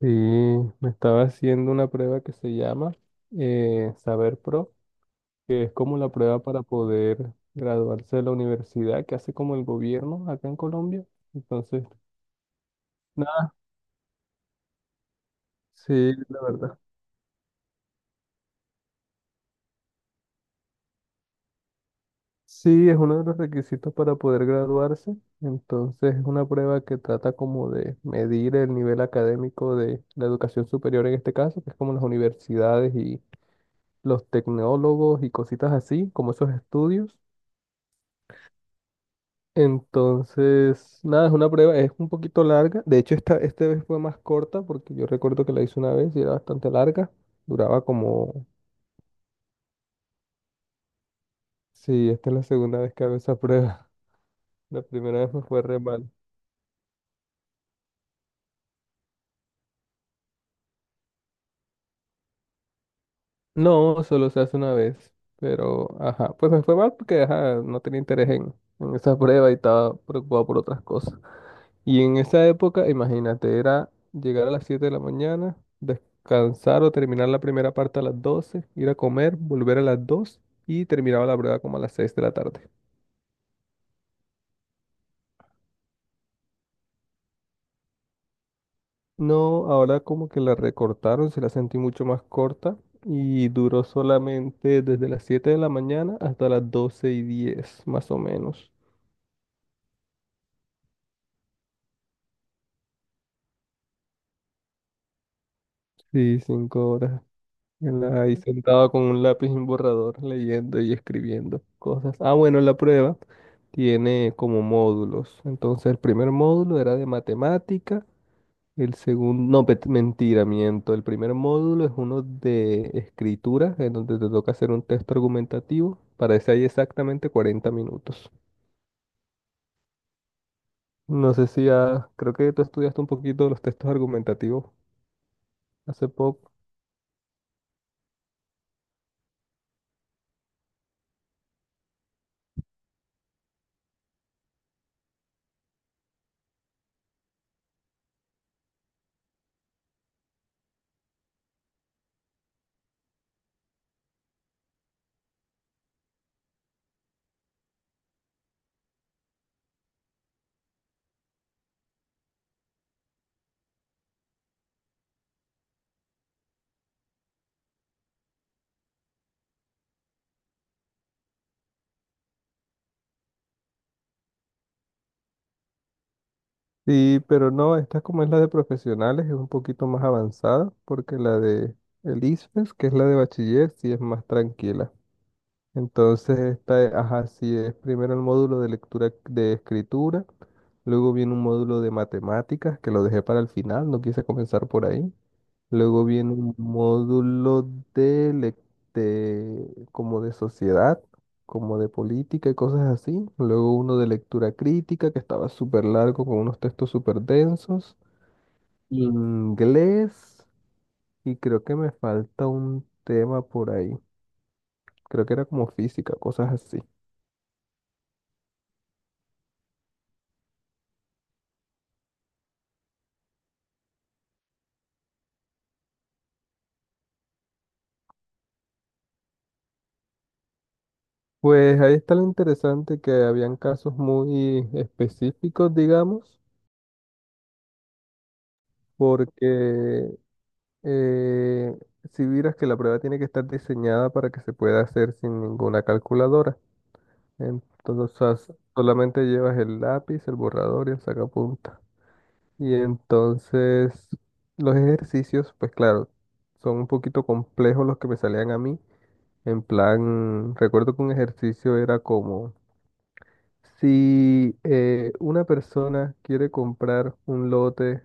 Sí, me estaba haciendo una prueba que se llama Saber Pro, que es como la prueba para poder graduarse de la universidad que hace como el gobierno acá en Colombia. Entonces, nada, sí, la verdad. Sí, es uno de los requisitos para poder graduarse. Entonces, es una prueba que trata como de medir el nivel académico de la educación superior en este caso, que es como las universidades y los tecnólogos y cositas así, como esos estudios. Entonces, nada, es una prueba, es un poquito larga. De hecho, esta vez fue más corta porque yo recuerdo que la hice una vez y era bastante larga. Duraba como... Sí, esta es la segunda vez que hago esa prueba. La primera vez me fue re mal. No, solo se hace una vez. Pero, ajá, pues me fue mal porque, ajá, no tenía interés en esa prueba y estaba preocupado por otras cosas. Y en esa época, imagínate, era llegar a las 7 de la mañana, descansar o terminar la primera parte a las 12, ir a comer, volver a las 2 y terminaba la prueba como a las seis de la tarde. No, ahora como que la recortaron, se la sentí mucho más corta y duró solamente desde las 7 de la mañana hasta las 12 y 10, más o menos. Sí, 5 horas. Él ahí sentado con un lápiz y un borrador, leyendo y escribiendo cosas. Ah, bueno, la prueba tiene como módulos. Entonces, el primer módulo era de matemática, el segundo, no, mentira, miento. El primer módulo es uno de escritura, en donde te toca hacer un texto argumentativo. Para ese hay exactamente 40 minutos. No sé si ya, creo que tú estudiaste un poquito los textos argumentativos hace poco. Sí, pero no, esta como es la de profesionales, es un poquito más avanzada, porque la de el ISFES, que es la de bachiller, sí es más tranquila. Entonces, esta, ajá, sí, es primero el módulo de lectura de escritura, luego viene un módulo de matemáticas, que lo dejé para el final, no quise comenzar por ahí. Luego viene un módulo de, como de sociedad, como de política y cosas así. Luego uno de lectura crítica, que estaba súper largo, con unos textos súper densos. Inglés, y creo que me falta un tema por ahí. Creo que era como física, cosas así. Pues ahí está lo interesante que habían casos muy específicos, digamos, porque eh, si vieras que la prueba tiene que estar diseñada para que se pueda hacer sin ninguna calculadora. Entonces, o sea, solamente llevas el lápiz, el borrador y el sacapunta. Y entonces los ejercicios, pues claro, son un poquito complejos los que me salían a mí. En plan, recuerdo que un ejercicio era como si una persona quiere comprar un lote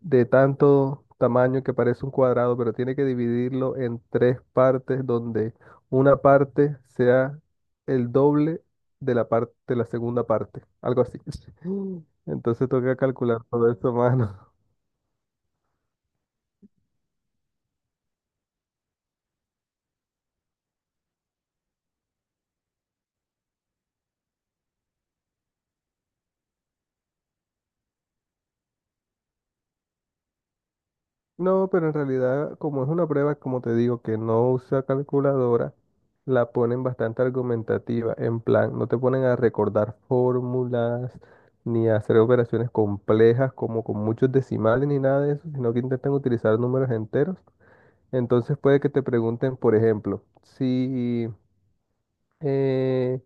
de tanto tamaño que parece un cuadrado, pero tiene que dividirlo en tres partes donde una parte sea el doble de la parte, de la segunda parte, algo así. Entonces toca calcular todo eso, mano. No, pero en realidad, como es una prueba, como te digo, que no usa calculadora, la ponen bastante argumentativa. En plan, no te ponen a recordar fórmulas, ni a hacer operaciones complejas, como con muchos decimales, ni nada de eso, sino que intentan utilizar números enteros. Entonces puede que te pregunten, por ejemplo, si... eh,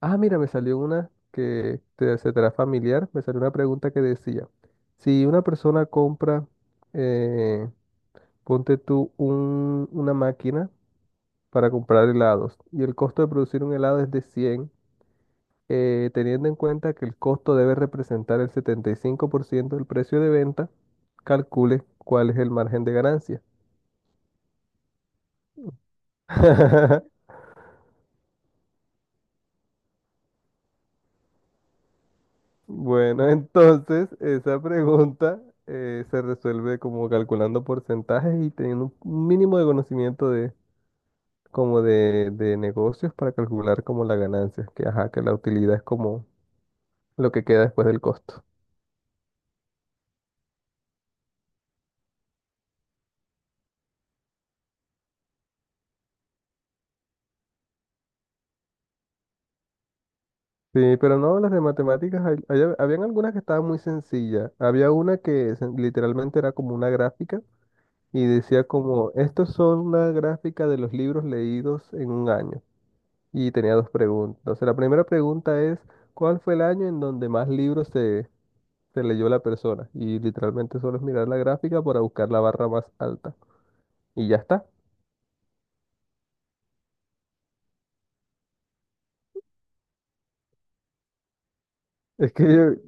mira, me salió una que te, se te hará familiar. Me salió una pregunta que decía, si una persona compra... eh, ponte tú una máquina para comprar helados y el costo de producir un helado es de 100, teniendo en cuenta que el costo debe representar el 75% del precio de venta, calcule cuál es el margen de ganancia. Bueno, entonces esa pregunta se resuelve como calculando porcentajes y teniendo un mínimo de conocimiento de como de negocios para calcular como la ganancia, que ajá, que la utilidad es como lo que queda después del costo. Sí, pero no, las de matemáticas, habían algunas que estaban muy sencillas. Había una que literalmente era como una gráfica y decía como, estos son una gráfica de los libros leídos en un año. Y tenía dos preguntas. Entonces, la primera pregunta es, ¿cuál fue el año en donde más libros se leyó la persona? Y literalmente solo es mirar la gráfica para buscar la barra más alta. Y ya está. Es que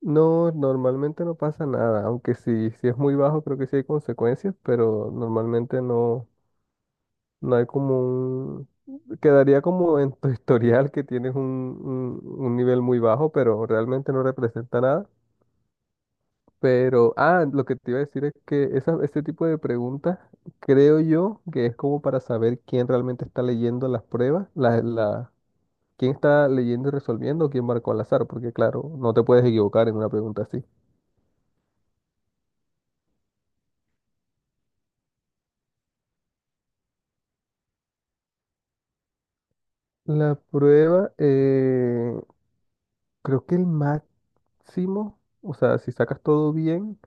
no, normalmente no pasa nada, aunque si, si es muy bajo creo que sí hay consecuencias, pero normalmente no. No hay como un... Quedaría como en tu historial que tienes un, un nivel muy bajo, pero realmente no representa nada. Pero, ah, lo que te iba a decir es que esa, ese tipo de preguntas creo yo que es como para saber quién realmente está leyendo las pruebas, quién está leyendo y resolviendo o quién marcó al azar, porque claro, no te puedes equivocar en una pregunta así. La prueba, creo que el máximo, o sea, si sacas todo bien,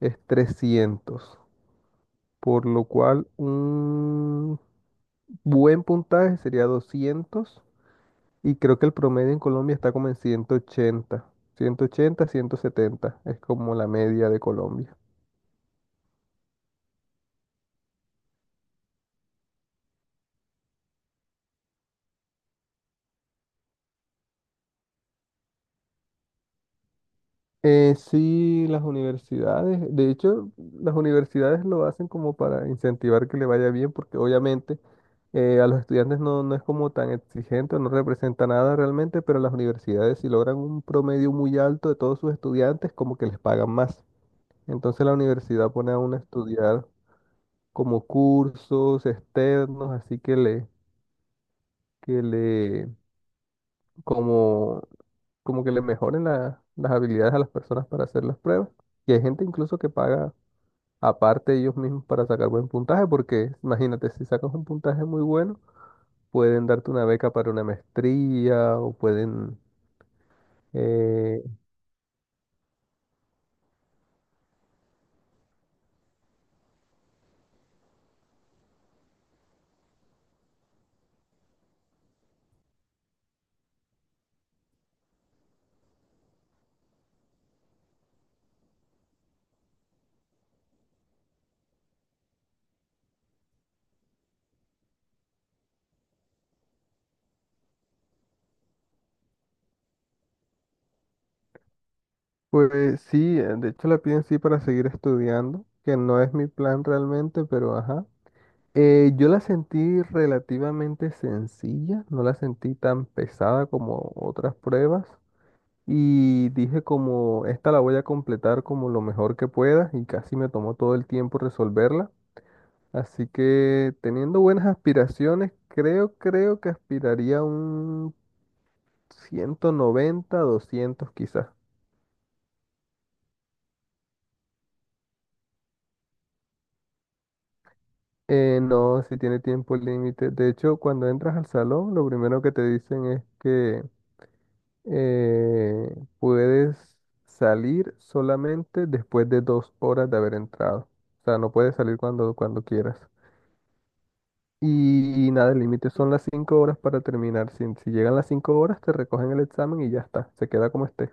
es 300, por lo cual un buen puntaje sería 200 y creo que el promedio en Colombia está como en ciento ochenta, ciento ochenta, ciento setenta es como la media de Colombia. Sí, las universidades, de hecho, las universidades lo hacen como para incentivar que le vaya bien, porque obviamente a los estudiantes no, no es como tan exigente, no representa nada realmente, pero las universidades si logran un promedio muy alto de todos sus estudiantes, como que les pagan más. Entonces la universidad pone a uno a estudiar como cursos externos, así que que le, como, como que le mejoren las habilidades a las personas para hacer las pruebas. Y hay gente incluso que paga aparte ellos mismos para sacar buen puntaje, porque imagínate, si sacas un puntaje muy bueno, pueden darte una beca para una maestría o pueden, eh, pues sí, de hecho la piden sí para seguir estudiando, que no es mi plan realmente, pero ajá. Yo la sentí relativamente sencilla, no la sentí tan pesada como otras pruebas y dije como esta la voy a completar como lo mejor que pueda y casi me tomó todo el tiempo resolverla. Así que teniendo buenas aspiraciones, creo que aspiraría a un 190, 200 quizás. No, si tiene tiempo límite. De hecho, cuando entras al salón, lo primero que te dicen es que puedes salir solamente después de dos horas de haber entrado. O sea, no puedes salir cuando quieras. Y, nada, el límite son las cinco horas para terminar. Si, si llegan las cinco horas, te recogen el examen y ya está. Se queda como esté.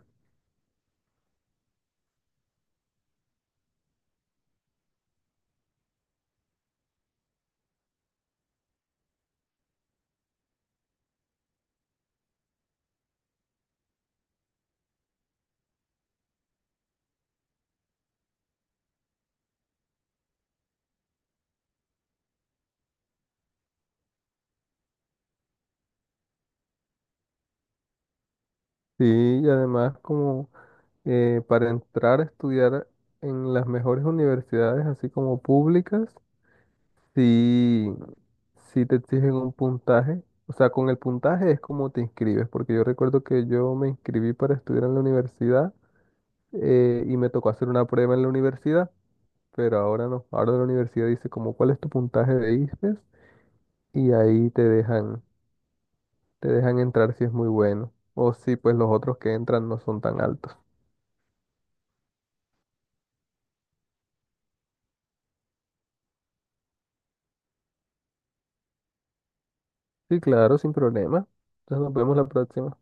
Sí, y además, como para entrar a estudiar en las mejores universidades, así como públicas, sí, sí te exigen un puntaje. O sea, con el puntaje es como te inscribes, porque yo recuerdo que yo me inscribí para estudiar en la universidad y me tocó hacer una prueba en la universidad, pero ahora no. Ahora la universidad dice como cuál es tu puntaje de ISPES y ahí te dejan entrar si es muy bueno. O si pues los otros que entran no son tan altos. Sí, claro, sin problema. Entonces nos vemos la próxima.